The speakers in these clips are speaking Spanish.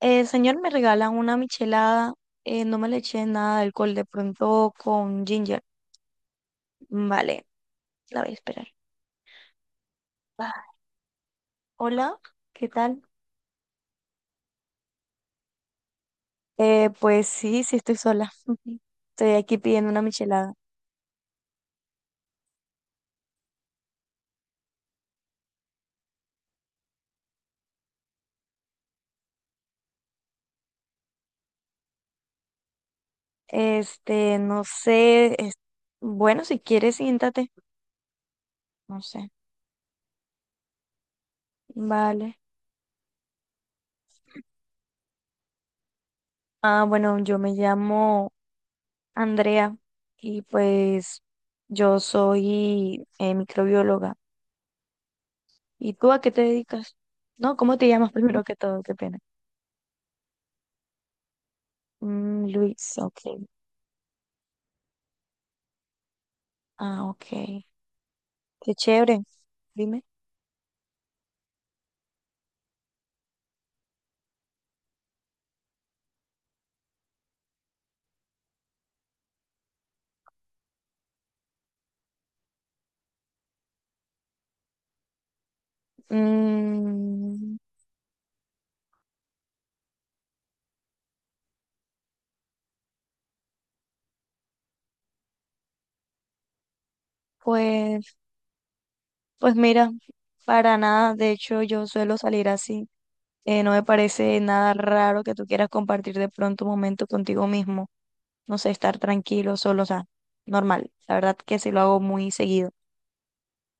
Señor, me regala una michelada. No me le eché nada de alcohol, de pronto con ginger. Vale, la voy a esperar. Ah, hola, ¿qué tal? Pues sí, sí estoy sola. Estoy aquí pidiendo una michelada. No sé. Bueno, si quieres, siéntate. No sé. Vale. Ah, bueno, yo me llamo Andrea y pues yo soy microbióloga. ¿Y tú a qué te dedicas? No, ¿cómo te llamas primero que todo? Qué pena. Mm, Luis, ok. Ah, ok. Qué chévere. Dime. Mm, pues, pues mira, para nada. De hecho, yo suelo salir así. No me parece nada raro que tú quieras compartir de pronto un momento contigo mismo. No sé, estar tranquilo, solo, o sea, normal. La verdad que sí lo hago muy seguido.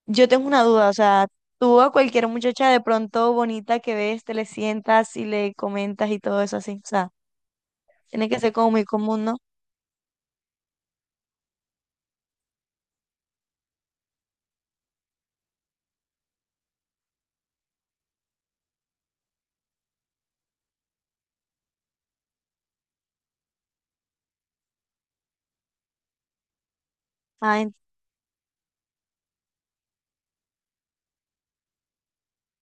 Yo tengo una duda, o sea, tú a cualquier muchacha de pronto bonita que ves, te le sientas y le comentas y todo eso así, o sea, tiene que ser como muy común, ¿no? Ah, en-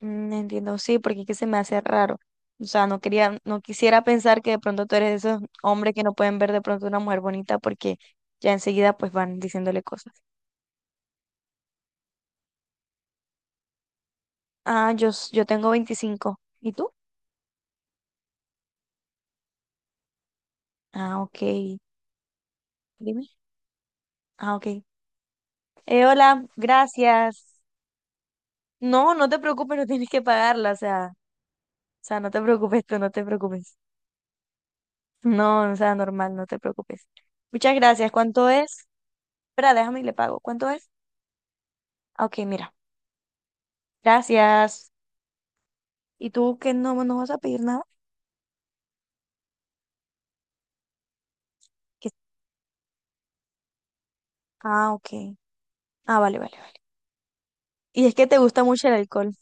mm, entiendo, sí, porque es que se me hace raro. O sea, no quería, no quisiera pensar que de pronto tú eres de esos hombres que no pueden ver de pronto una mujer bonita porque ya enseguida pues van diciéndole cosas. Ah, yo, yo tengo 25. ¿Y tú? Ah, ok. Dime. Ah, ok. Hola, gracias. No, no te preocupes, no tienes que pagarla, o sea. O sea, no te preocupes tú, no te preocupes. No, o sea, normal, no te preocupes. Muchas gracias. ¿Cuánto es? Espera, déjame y le pago. ¿Cuánto es? Ah, ok, mira. Gracias. ¿Y tú qué no, no vas a pedir nada? ¿Qué- ah, ok. Ah, vale, vale, vale. ¿Y es que te gusta mucho el alcohol?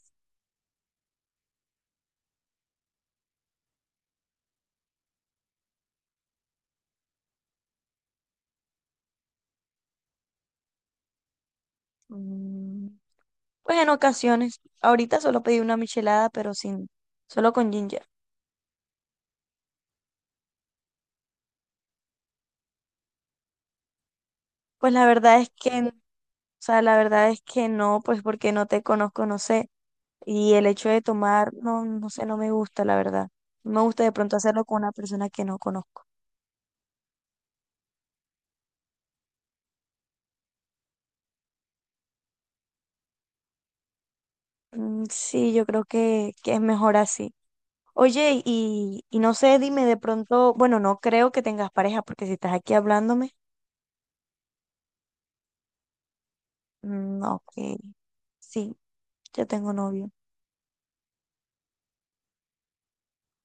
Mm, pues en ocasiones. Ahorita solo pedí una michelada, pero sin, solo con ginger. Pues la verdad es que, o sea, la verdad es que no, pues porque no te conozco, no sé. Y el hecho de tomar, no, no sé, no me gusta, la verdad. No me gusta de pronto hacerlo con una persona que no conozco. Mm, sí, yo creo que es mejor así. Oye, y no sé, dime de pronto, bueno, no creo que tengas pareja, porque si estás aquí hablándome, mm, ok, sí, yo tengo novio. O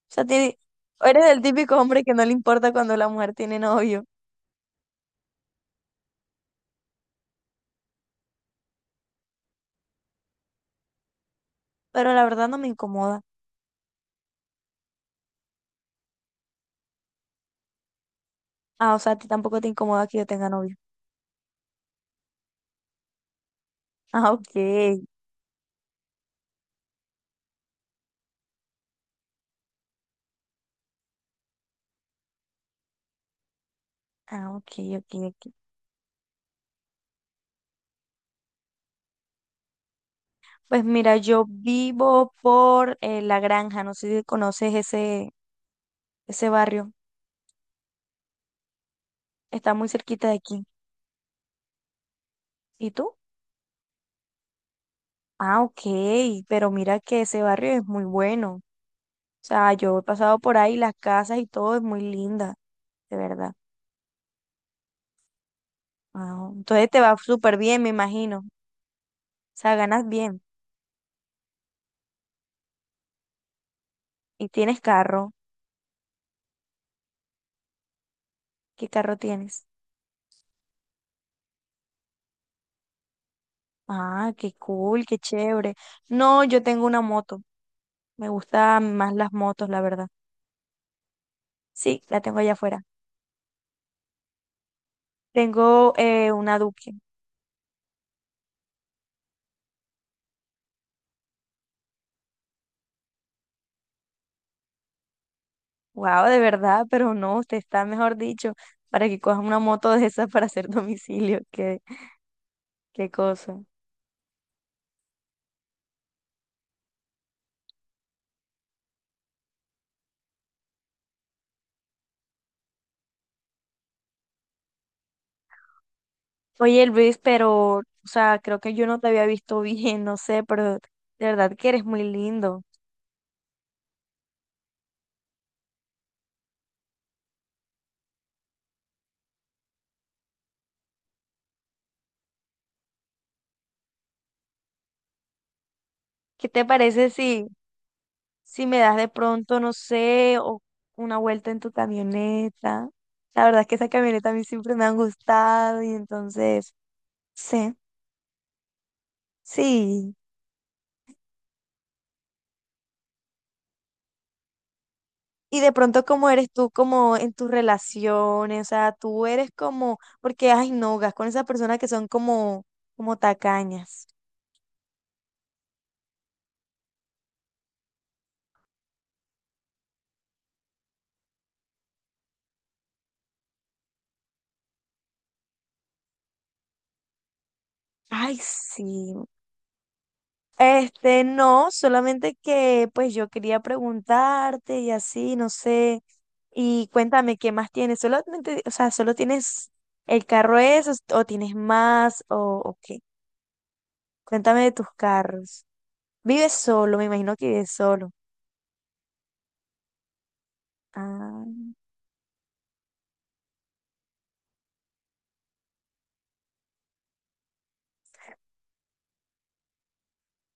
sea, eres el típico hombre que no le importa cuando la mujer tiene novio, pero la verdad no me incomoda. Ah, o sea, a ti tampoco te incomoda que yo tenga novio. Ah, ok, ah, ok, ok, ok. Pues mira, yo vivo por La Granja, no sé si conoces ese, ese barrio, está muy cerquita de aquí. ¿Y tú? Ah, ok, pero mira que ese barrio es muy bueno. O sea, yo he pasado por ahí, las casas y todo es muy linda, de verdad. Ah, entonces te va súper bien, me imagino. O sea, ganas bien. ¿Y tienes carro? ¿Qué carro tienes? Ah, qué cool, qué chévere. No, yo tengo una moto. Me gustan más las motos, la verdad. Sí, la tengo allá afuera. Tengo una Duque. Wow, de verdad, pero no, usted está, mejor dicho, para que coja una moto de esas para hacer domicilio. Qué, qué cosa. Oye, Luis, pero, o sea, creo que yo no te había visto bien, no sé, pero de verdad que eres muy lindo. ¿Qué te parece si, si me das de pronto, no sé, o una vuelta en tu camioneta? La verdad es que esa camioneta a mí siempre me han gustado y entonces, sí, sí. Y de pronto, ¿cómo eres tú como en tus relaciones? O sea, tú eres como, porque, ay, no, gas con esas personas que son como, como tacañas. Ay, sí. Este, no, solamente que, pues, yo quería preguntarte y así, no sé. Y cuéntame, ¿qué más tienes? Solamente, o sea, ¿solo tienes el carro ese o tienes más o qué? Cuéntame de tus carros. Vives solo, me imagino que vives solo. Ah,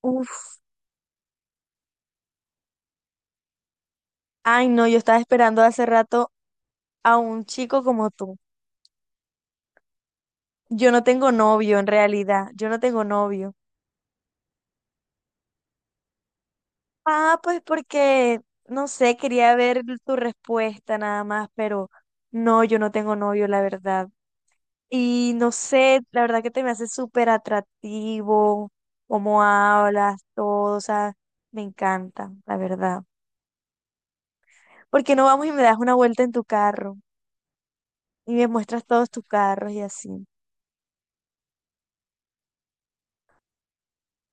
uf. Ay, no, yo estaba esperando hace rato a un chico como tú. Yo no tengo novio en realidad, yo no tengo novio. Ah, pues porque, no sé, quería ver tu respuesta nada más, pero no, yo no tengo novio, la verdad. Y no sé, la verdad que te me hace súper atractivo, cómo hablas, todo, o sea, me encanta, la verdad. ¿Por qué no vamos y me das una vuelta en tu carro? Y me muestras todos tus carros y así.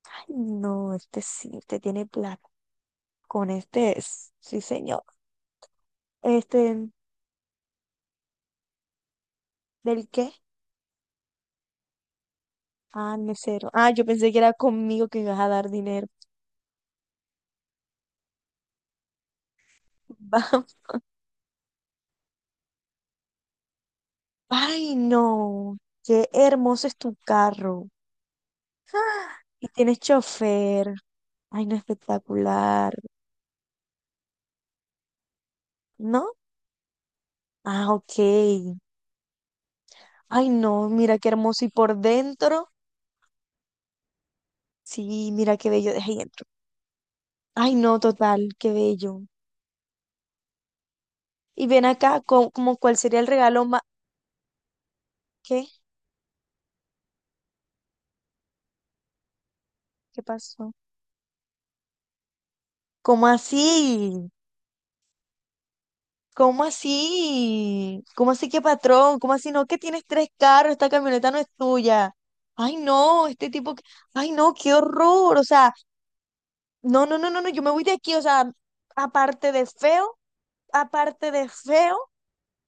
Ay, no, este sí, este tiene plata. Con este es. Sí, señor. Este, ¿del qué? Ah, mesero. Ah, yo pensé que era conmigo que ibas a dar dinero. Vamos. Ay, no. Qué hermoso es tu carro. Ah, y tienes chofer. Ay, no, espectacular. ¿No? Ah, ok. Ay, no, mira qué hermoso. Y por dentro. Sí, mira qué bello de dentro. Ay, no, total, qué bello. Y ven acá, como cuál sería el regalo más... ¿Qué? ¿Qué pasó? ¿Cómo así? ¿Cómo así? ¿Cómo así que patrón? ¿Cómo así no? Que tienes tres carros, esta camioneta no es tuya. Ay, no, este tipo, ay, no, qué horror. O sea, no, no, no, no, no, yo me voy de aquí. O sea, aparte de feo, aparte de feo,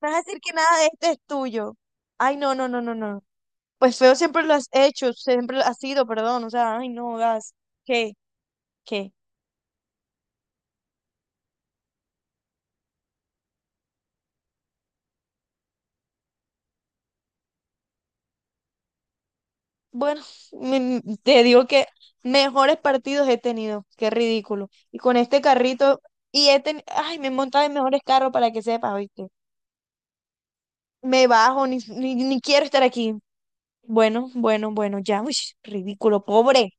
me vas a decir que nada de este es tuyo. Ay, no, no, no, no, no. Pues feo siempre lo has hecho, siempre lo has sido, perdón. O sea, ay, no, gas. ¿Qué? ¿Qué? Bueno, te digo que mejores partidos he tenido, qué ridículo. Y con este carrito, y he tenido, ay, me he montado en mejores carros para que sepas, ¿oíste? Me bajo, ni, ni, ni quiero estar aquí. Bueno, bueno, bueno, ya, uy, ridículo, pobre.